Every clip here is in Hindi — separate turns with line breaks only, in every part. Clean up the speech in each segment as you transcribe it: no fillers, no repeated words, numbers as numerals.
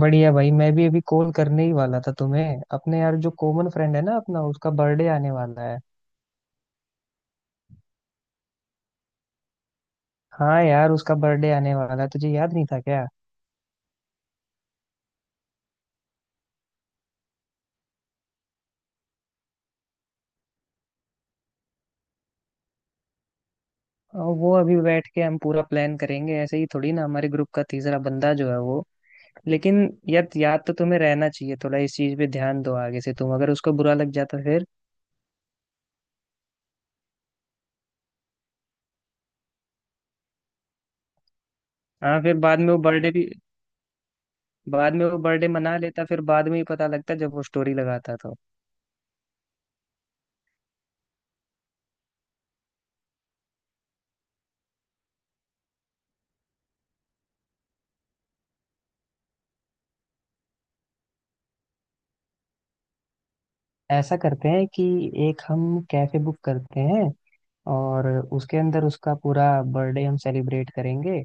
बढ़िया भाई। मैं भी अभी कॉल करने ही वाला था तुम्हें। अपने यार जो कॉमन फ्रेंड है ना अपना, उसका बर्थडे आने वाला है। हाँ यार, उसका बर्थडे आने वाला है, तुझे याद नहीं था क्या। वो अभी बैठ के हम पूरा प्लान करेंगे, ऐसे ही थोड़ी ना हमारे ग्रुप का तीसरा बंदा जो है वो। लेकिन यार, याद तो तुम्हें रहना चाहिए, थोड़ा इस चीज पे ध्यान दो आगे से, तुम अगर उसको बुरा लग जाता फिर। हाँ, फिर बाद में वो बर्थडे भी, बाद में वो बर्थडे मना लेता, फिर बाद में ही पता लगता जब वो स्टोरी लगाता तो। ऐसा करते हैं कि एक हम कैफे बुक करते हैं, और उसके अंदर उसका पूरा बर्थडे हम सेलिब्रेट करेंगे।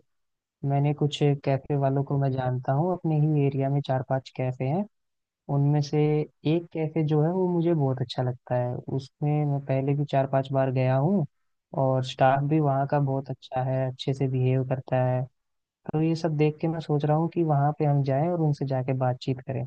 मैंने कुछ कैफे वालों को मैं जानता हूँ, अपने ही एरिया में चार पांच कैफे हैं। उनमें से एक कैफे जो है वो मुझे बहुत अच्छा लगता है, उसमें मैं पहले भी चार पांच बार गया हूँ। और स्टाफ भी वहाँ का बहुत अच्छा है, अच्छे से बिहेव करता है। तो ये सब देख के मैं सोच रहा हूँ कि वहाँ पे हम जाएं और उनसे जाके बातचीत करें।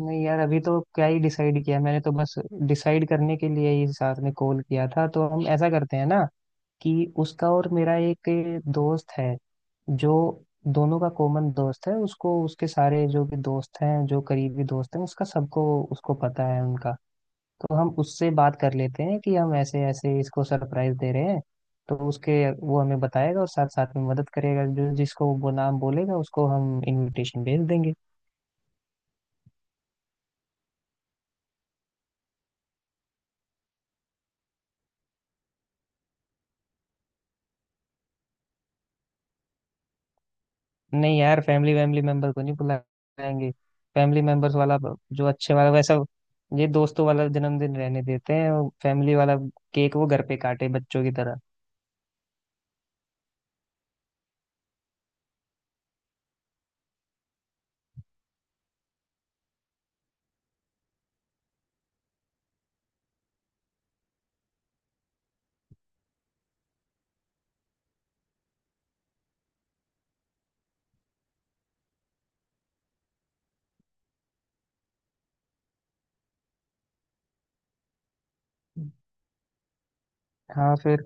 नहीं यार, अभी तो क्या ही डिसाइड किया, मैंने तो बस डिसाइड करने के लिए ही साथ में कॉल किया था। तो हम ऐसा करते हैं ना कि उसका और मेरा एक दोस्त है जो दोनों का कॉमन दोस्त है, उसको उसके सारे जो भी दोस्त हैं जो करीबी दोस्त हैं उसका, सबको उसको पता है उनका। तो हम उससे बात कर लेते हैं कि हम ऐसे ऐसे इसको सरप्राइज दे रहे हैं, तो उसके वो हमें बताएगा और साथ साथ में मदद करेगा, जो जिसको वो नाम बोलेगा उसको हम इनविटेशन भेज देंगे। नहीं यार, फैमिली वैमिली मेंबर को नहीं बुलाएंगे। फैमिली मेंबर्स वाला जो अच्छे वाला वैसा, ये दोस्तों वाला जन्मदिन रहने देते हैं, फैमिली वाला केक वो घर पे काटे बच्चों की तरह। हाँ फिर।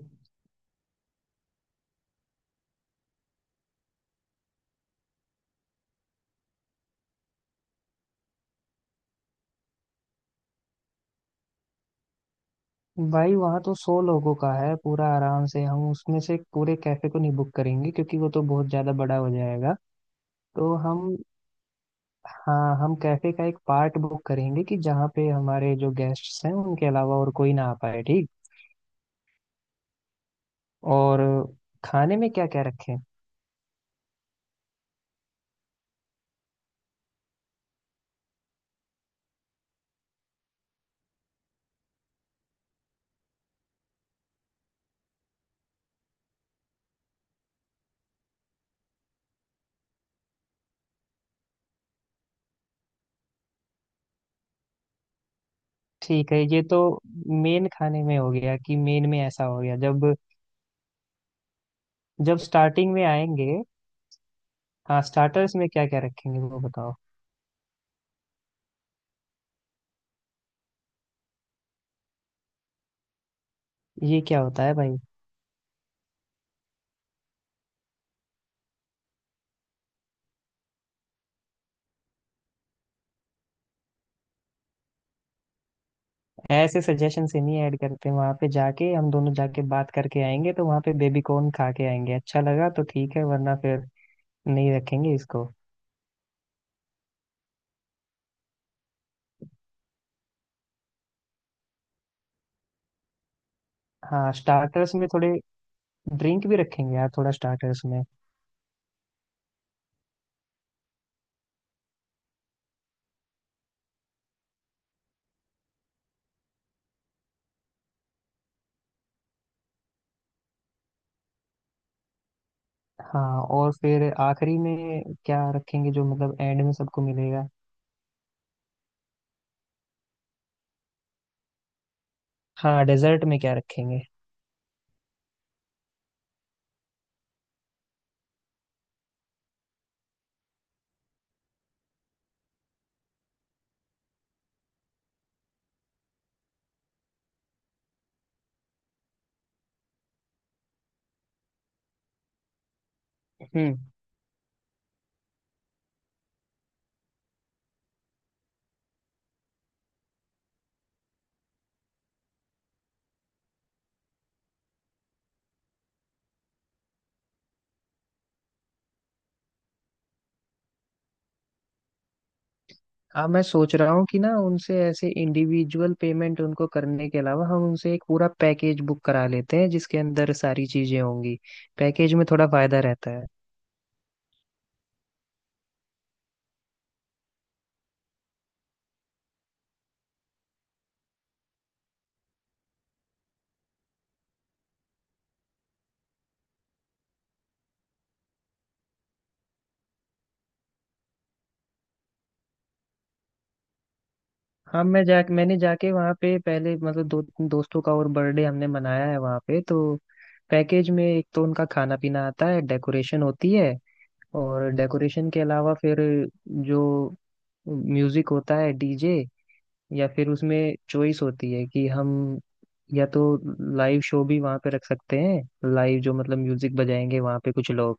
भाई वहाँ तो 100 लोगों का है पूरा आराम से। हम उसमें से पूरे कैफे को नहीं बुक करेंगे क्योंकि वो तो बहुत ज्यादा बड़ा हो जाएगा। तो हम हाँ, हम कैफे का एक पार्ट बुक करेंगे कि जहाँ पे हमारे जो गेस्ट्स हैं उनके अलावा और कोई ना आ पाए। ठीक। और खाने में क्या क्या रखें। ठीक है, ये तो मेन खाने में हो गया, कि मेन में ऐसा हो गया, जब जब स्टार्टिंग में आएंगे। हाँ स्टार्टर्स में क्या क्या रखेंगे वो बताओ। ये क्या होता है भाई। ऐसे सजेशन से नहीं ऐड करते, वहां पे जाके हम दोनों जाके बात करके आएंगे, तो वहां पे बेबी कॉर्न खा के आएंगे, अच्छा लगा तो ठीक है, वरना फिर नहीं रखेंगे इसको। हाँ स्टार्टर्स में थोड़े ड्रिंक भी रखेंगे यार, थोड़ा स्टार्टर्स में। हाँ और फिर आखिरी में क्या रखेंगे, जो मतलब एंड में सबको मिलेगा। हाँ डेजर्ट में क्या रखेंगे। हम्म। अब मैं सोच रहा हूँ कि ना, उनसे ऐसे इंडिविजुअल पेमेंट उनको करने के अलावा, हम उनसे एक पूरा पैकेज बुक करा लेते हैं जिसके अंदर सारी चीजें होंगी। पैकेज में थोड़ा फायदा रहता है। हाँ, मैंने जाके वहाँ पे पहले मतलब दो दोस्तों का और बर्थडे हमने मनाया है वहाँ पे। तो पैकेज में एक तो उनका खाना पीना आता है, डेकोरेशन होती है। और डेकोरेशन के अलावा फिर जो म्यूजिक होता है, डीजे, या फिर उसमें चॉइस होती है कि हम या तो लाइव शो भी वहाँ पे रख सकते हैं, लाइव जो मतलब म्यूजिक बजाएंगे वहाँ पे कुछ लोग।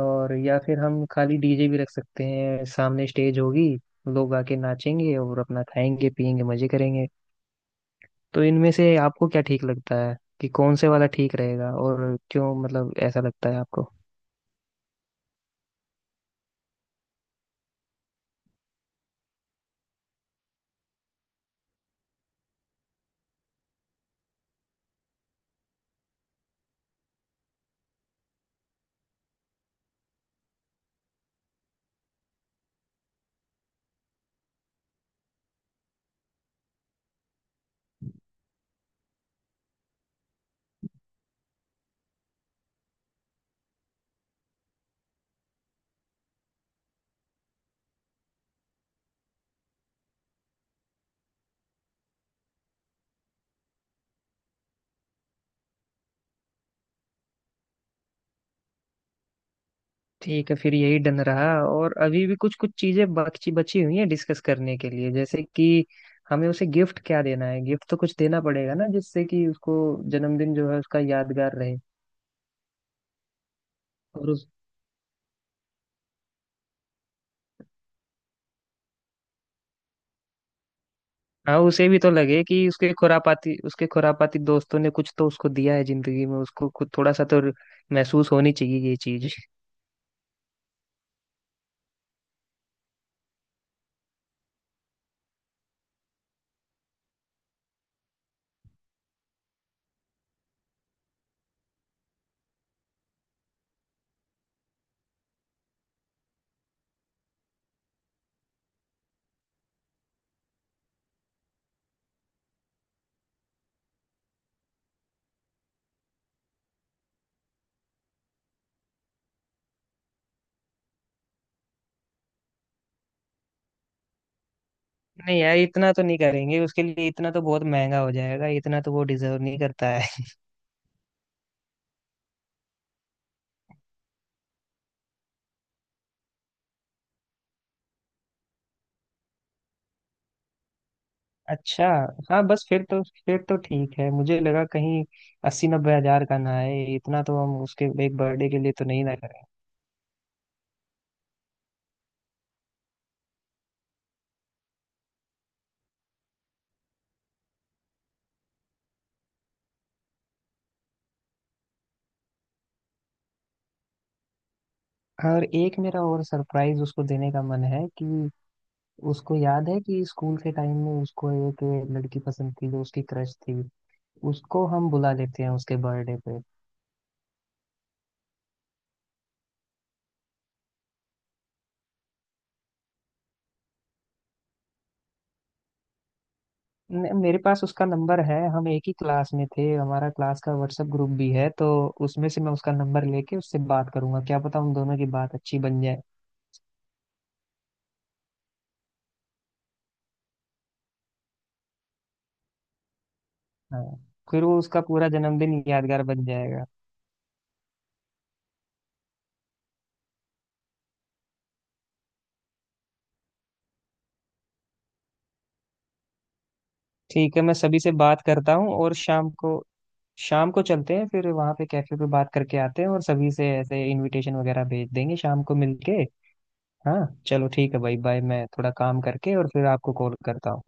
और या फिर हम खाली डीजे भी रख सकते हैं, सामने स्टेज होगी, लोग आके नाचेंगे और अपना खाएंगे पिएंगे मजे करेंगे। तो इनमें से आपको क्या ठीक लगता है, कि कौन से वाला ठीक रहेगा और क्यों, मतलब ऐसा लगता है आपको। ठीक है फिर यही डन रहा। और अभी भी कुछ कुछ चीजें बची बची हुई हैं डिस्कस करने के लिए, जैसे कि हमें उसे गिफ्ट क्या देना है। गिफ्ट तो कुछ देना पड़ेगा ना, जिससे कि उसको जन्मदिन जो है उसका यादगार रहे। और उस, हाँ, उसे भी तो लगे कि उसके खुरापाती, उसके खुरापाती दोस्तों ने कुछ तो उसको दिया है जिंदगी में, उसको खुद थोड़ा सा तो महसूस होनी चाहिए ये चीज। नहीं यार, इतना तो नहीं करेंगे उसके लिए, इतना तो बहुत महंगा हो जाएगा, इतना तो वो डिजर्व नहीं करता है। अच्छा। हाँ बस फिर तो ठीक है, मुझे लगा कहीं 80-90 हजार का ना आए, इतना तो हम उसके एक बर्थडे के लिए तो नहीं ना करें। हाँ, और एक मेरा और सरप्राइज उसको देने का मन है कि उसको याद है कि स्कूल के टाइम में उसको एक लड़की पसंद थी जो उसकी क्रश थी, उसको हम बुला लेते हैं उसके बर्थडे पे। मेरे पास उसका नंबर है, हम एक ही क्लास में थे, हमारा क्लास का व्हाट्सएप ग्रुप भी है, तो उसमें से मैं उसका नंबर लेके उससे बात करूंगा, क्या पता उन दोनों की बात अच्छी बन जाए। हाँ फिर वो उसका पूरा जन्मदिन यादगार बन जाएगा। ठीक है, मैं सभी से बात करता हूँ, और शाम को, शाम को चलते हैं फिर वहाँ पे कैफे पे बात करके आते हैं, और सभी से ऐसे इनविटेशन वगैरह भेज देंगे शाम को मिलके। हाँ चलो ठीक है भाई, बाय, मैं थोड़ा काम करके और फिर आपको कॉल करता हूँ।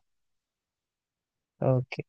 ओके।